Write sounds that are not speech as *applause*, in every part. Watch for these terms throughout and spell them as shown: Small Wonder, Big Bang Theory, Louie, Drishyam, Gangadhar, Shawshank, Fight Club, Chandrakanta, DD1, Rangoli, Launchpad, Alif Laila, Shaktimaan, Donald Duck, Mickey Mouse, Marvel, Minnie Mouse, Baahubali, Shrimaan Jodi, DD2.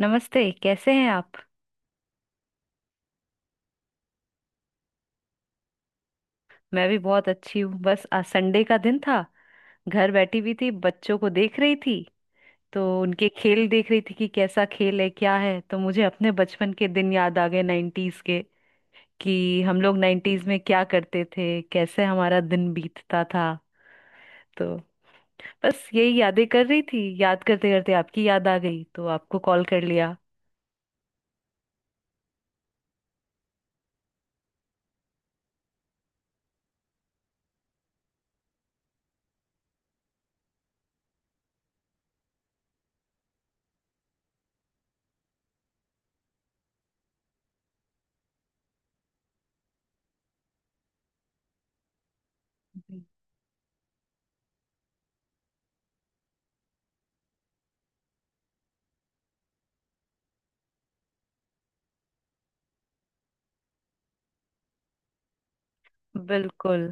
नमस्ते। कैसे हैं आप? मैं भी बहुत अच्छी हूँ। बस आज संडे का दिन था। घर बैठी हुई थी, बच्चों को देख रही थी। तो उनके खेल देख रही थी कि कैसा खेल है, क्या है। तो मुझे अपने बचपन के दिन याद आ गए, नाइन्टीज के। कि हम लोग नाइन्टीज में क्या करते थे, कैसे हमारा दिन बीतता था। तो बस यही यादें कर रही थी। याद करते करते आपकी याद आ गई तो आपको कॉल कर लिया। जी। बिल्कुल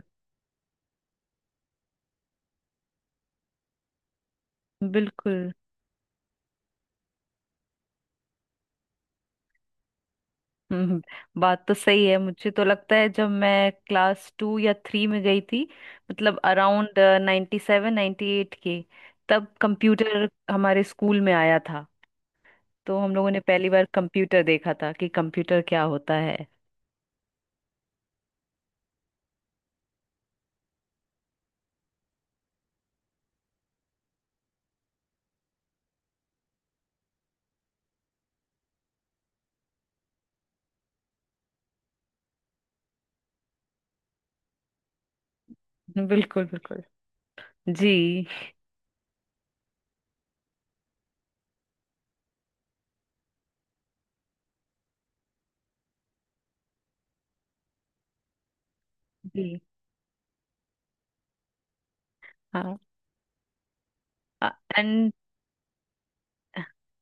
बिल्कुल। हम्म, बात तो सही है। मुझे तो लगता है जब मैं क्लास टू या थ्री में गई थी, मतलब अराउंड 97-98 के, तब कंप्यूटर हमारे स्कूल में आया था। तो हम लोगों ने पहली बार कंप्यूटर देखा था कि कंप्यूटर क्या होता है। *laughs* बिल्कुल बिल्कुल। जी जी। हाँ। एंड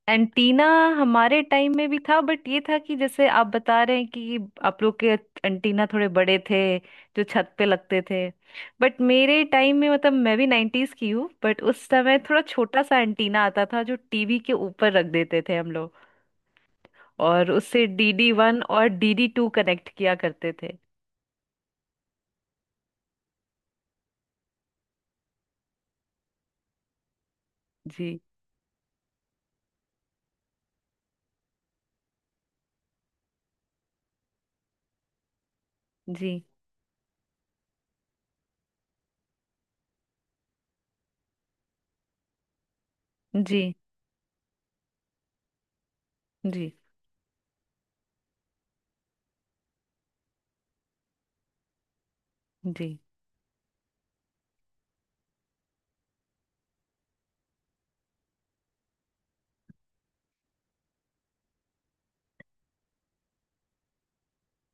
एंटीना हमारे टाइम में भी था। बट ये था कि जैसे आप बता रहे हैं कि आप लोग के एंटीना थोड़े बड़े थे, जो छत पे लगते थे। बट मेरे टाइम में, मतलब मैं भी नाइन्टीज की हूँ, बट उस समय थोड़ा छोटा सा एंटीना आता था जो टीवी के ऊपर रख देते थे हम लोग। और उससे डीडी वन और डीडी टू कनेक्ट किया करते थे। जी जी जी जी जी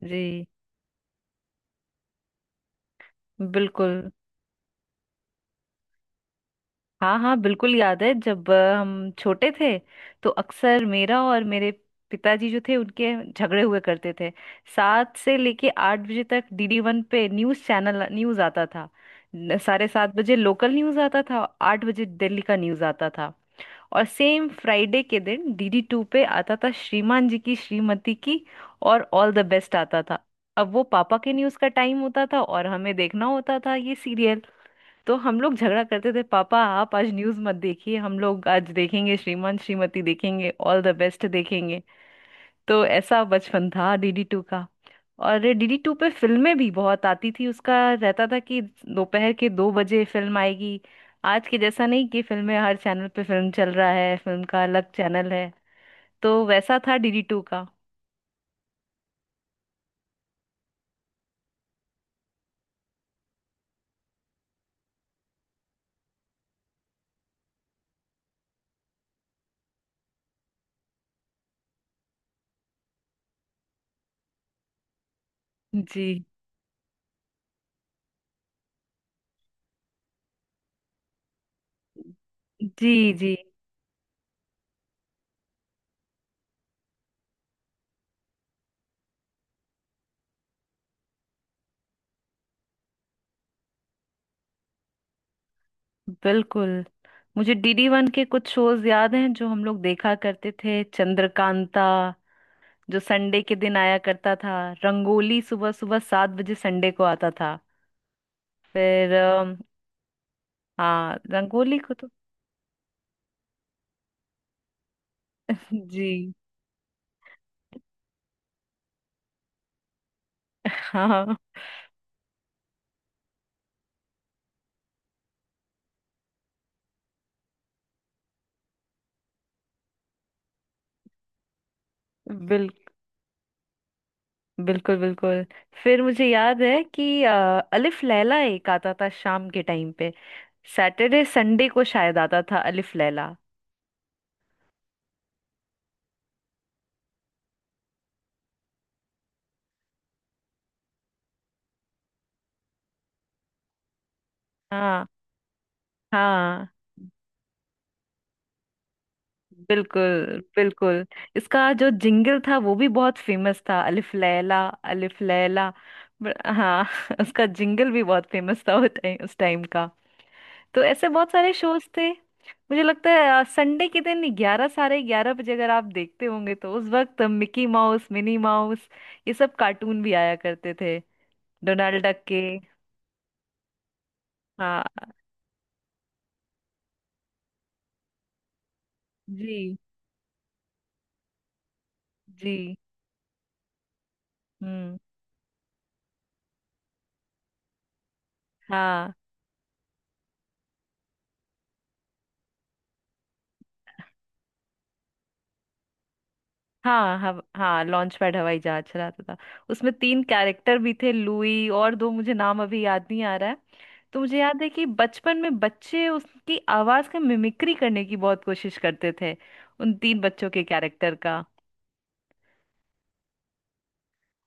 जी। बिल्कुल। हाँ हाँ बिल्कुल याद है। जब हम छोटे थे तो अक्सर मेरा और मेरे पिताजी जो थे उनके झगड़े हुए करते थे। 7 से लेके 8 बजे तक डीडी वन पे न्यूज़ चैनल, न्यूज़ आता था। 7:30 बजे लोकल न्यूज़ आता था, 8 बजे दिल्ली का न्यूज़ आता था। और सेम फ्राइडे के दिन डीडी टू पे आता था, श्रीमान जी की श्रीमती की, और ऑल द बेस्ट आता था। अब वो पापा के न्यूज़ का टाइम होता था और हमें देखना होता था ये सीरियल। तो हम लोग झगड़ा करते थे, पापा आप आज न्यूज़ मत देखिए, हम लोग आज देखेंगे, श्रीमान श्रीमती देखेंगे, ऑल द बेस्ट देखेंगे। तो ऐसा बचपन था डीडी टू का। और डीडी टू पे फिल्में भी बहुत आती थी। उसका रहता था कि दोपहर के 2 बजे फिल्म आएगी। आज के जैसा नहीं कि फिल्में हर चैनल पे फिल्म चल रहा है, फिल्म का अलग चैनल है। तो वैसा था डीडी टू का। जी जी। जी बिल्कुल। मुझे डीडी वन के कुछ शोज याद हैं जो हम लोग देखा करते थे। चंद्रकांता जो संडे के दिन आया करता था। रंगोली सुबह सुबह 7 बजे संडे को आता था। फिर हाँ रंगोली को तो। *laughs* जी। हाँ। बिल बिल्कुल बिल्कुल। फिर मुझे याद है कि अलिफ लैला एक आता था शाम के टाइम पे। सैटरडे संडे को शायद आता था अलिफ लैला। हाँ हाँ बिल्कुल बिल्कुल। इसका जो जिंगल था वो भी बहुत फेमस था। अलिफ लैला, अलिफ लैला, हाँ। *laughs* उसका जिंगल भी बहुत फेमस था, वो उस टाइम का। तो ऐसे बहुत सारे शोज थे। मुझे लगता है संडे के दिन 11, 11:30 बजे अगर आप देखते होंगे तो उस वक्त मिकी माउस, मिनी माउस, ये सब कार्टून भी आया करते थे। डोनाल्ड डक के। हाँ। जी जी। हम्म। हाँ हाँ हाँ लॉन्च पैड हवाई जहाज चलाता था। उसमें तीन कैरेक्टर भी थे, लुई और दो, मुझे नाम अभी याद नहीं आ रहा है। तो मुझे याद है कि बचपन में बच्चे उसकी आवाज का मिमिक्री करने की बहुत कोशिश करते थे, उन तीन बच्चों के कैरेक्टर का।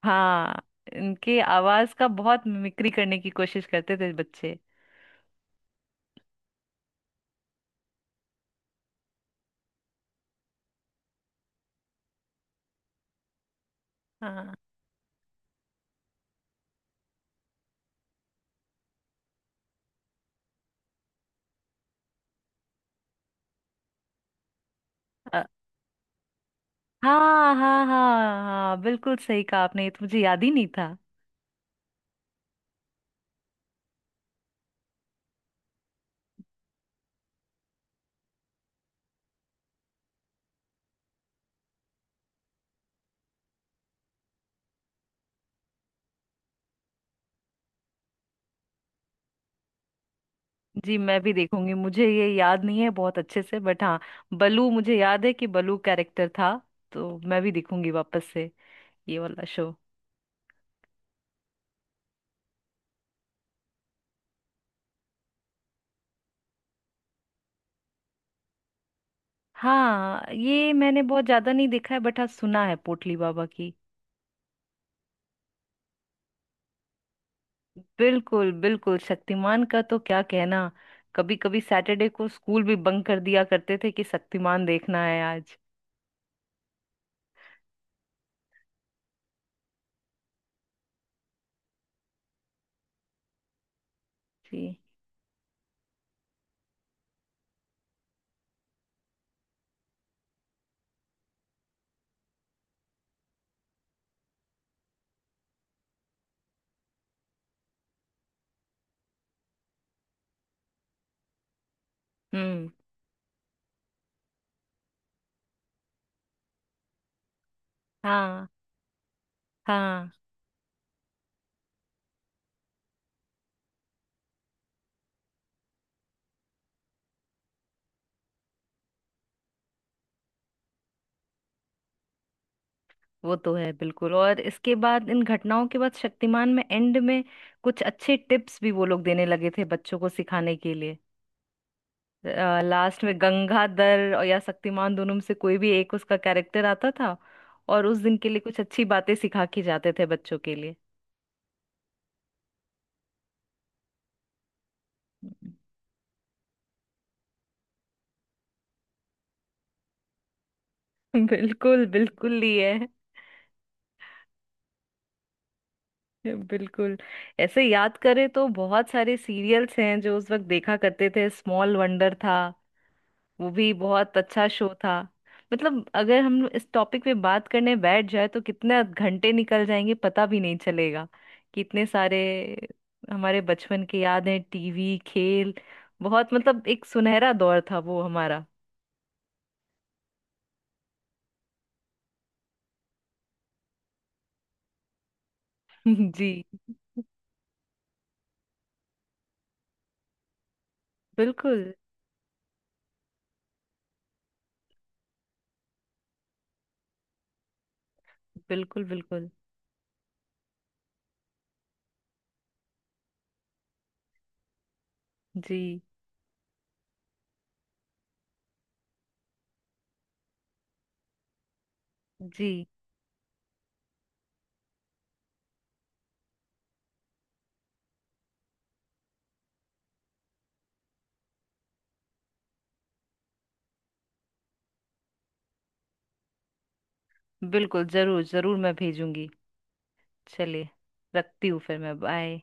हाँ, इनके आवाज का बहुत मिमिक्री करने की कोशिश करते थे बच्चे। हाँ अ, हाँ हाँ हाँ हाँ बिल्कुल सही कहा आपने, ये तो मुझे याद ही नहीं था। जी मैं भी देखूंगी, मुझे ये याद नहीं है बहुत अच्छे से, बट हाँ। बलू, मुझे याद है कि बलू कैरेक्टर था। तो मैं भी देखूंगी वापस से ये वाला शो। हाँ ये मैंने बहुत ज्यादा नहीं देखा है, बट हाँ सुना है, पोटली बाबा की। बिल्कुल बिल्कुल। शक्तिमान का तो क्या कहना। कभी कभी सैटरडे को स्कूल भी बंक कर दिया करते थे कि शक्तिमान देखना है आज। जी। हम्म। हाँ हाँ। वो तो है बिल्कुल। और इसके बाद, इन घटनाओं के बाद, शक्तिमान में एंड में कुछ अच्छे टिप्स भी वो लोग देने लगे थे बच्चों को सिखाने के लिए। लास्ट में गंगाधर और या शक्तिमान, दोनों में से कोई भी एक उसका कैरेक्टर आता था, और उस दिन के लिए कुछ अच्छी बातें सिखा के जाते थे बच्चों के लिए। *laughs* बिल्कुल बिल्कुल ही है। बिल्कुल। ऐसे याद करें तो बहुत सारे सीरियल्स हैं जो उस वक्त देखा करते थे। स्मॉल वंडर था, वो भी बहुत अच्छा शो था। मतलब अगर हम इस टॉपिक पे बात करने बैठ जाए तो कितने घंटे निकल जाएंगे पता भी नहीं चलेगा, कि इतने सारे हमारे बचपन के याद हैं, टीवी, खेल, बहुत। मतलब एक सुनहरा दौर था वो हमारा। *laughs* जी बिल्कुल बिल्कुल। बिल्कुल। जी जी। बिल्कुल, जरूर जरूर मैं भेजूंगी। चलिए, रखती हूँ फिर। मैं, बाय।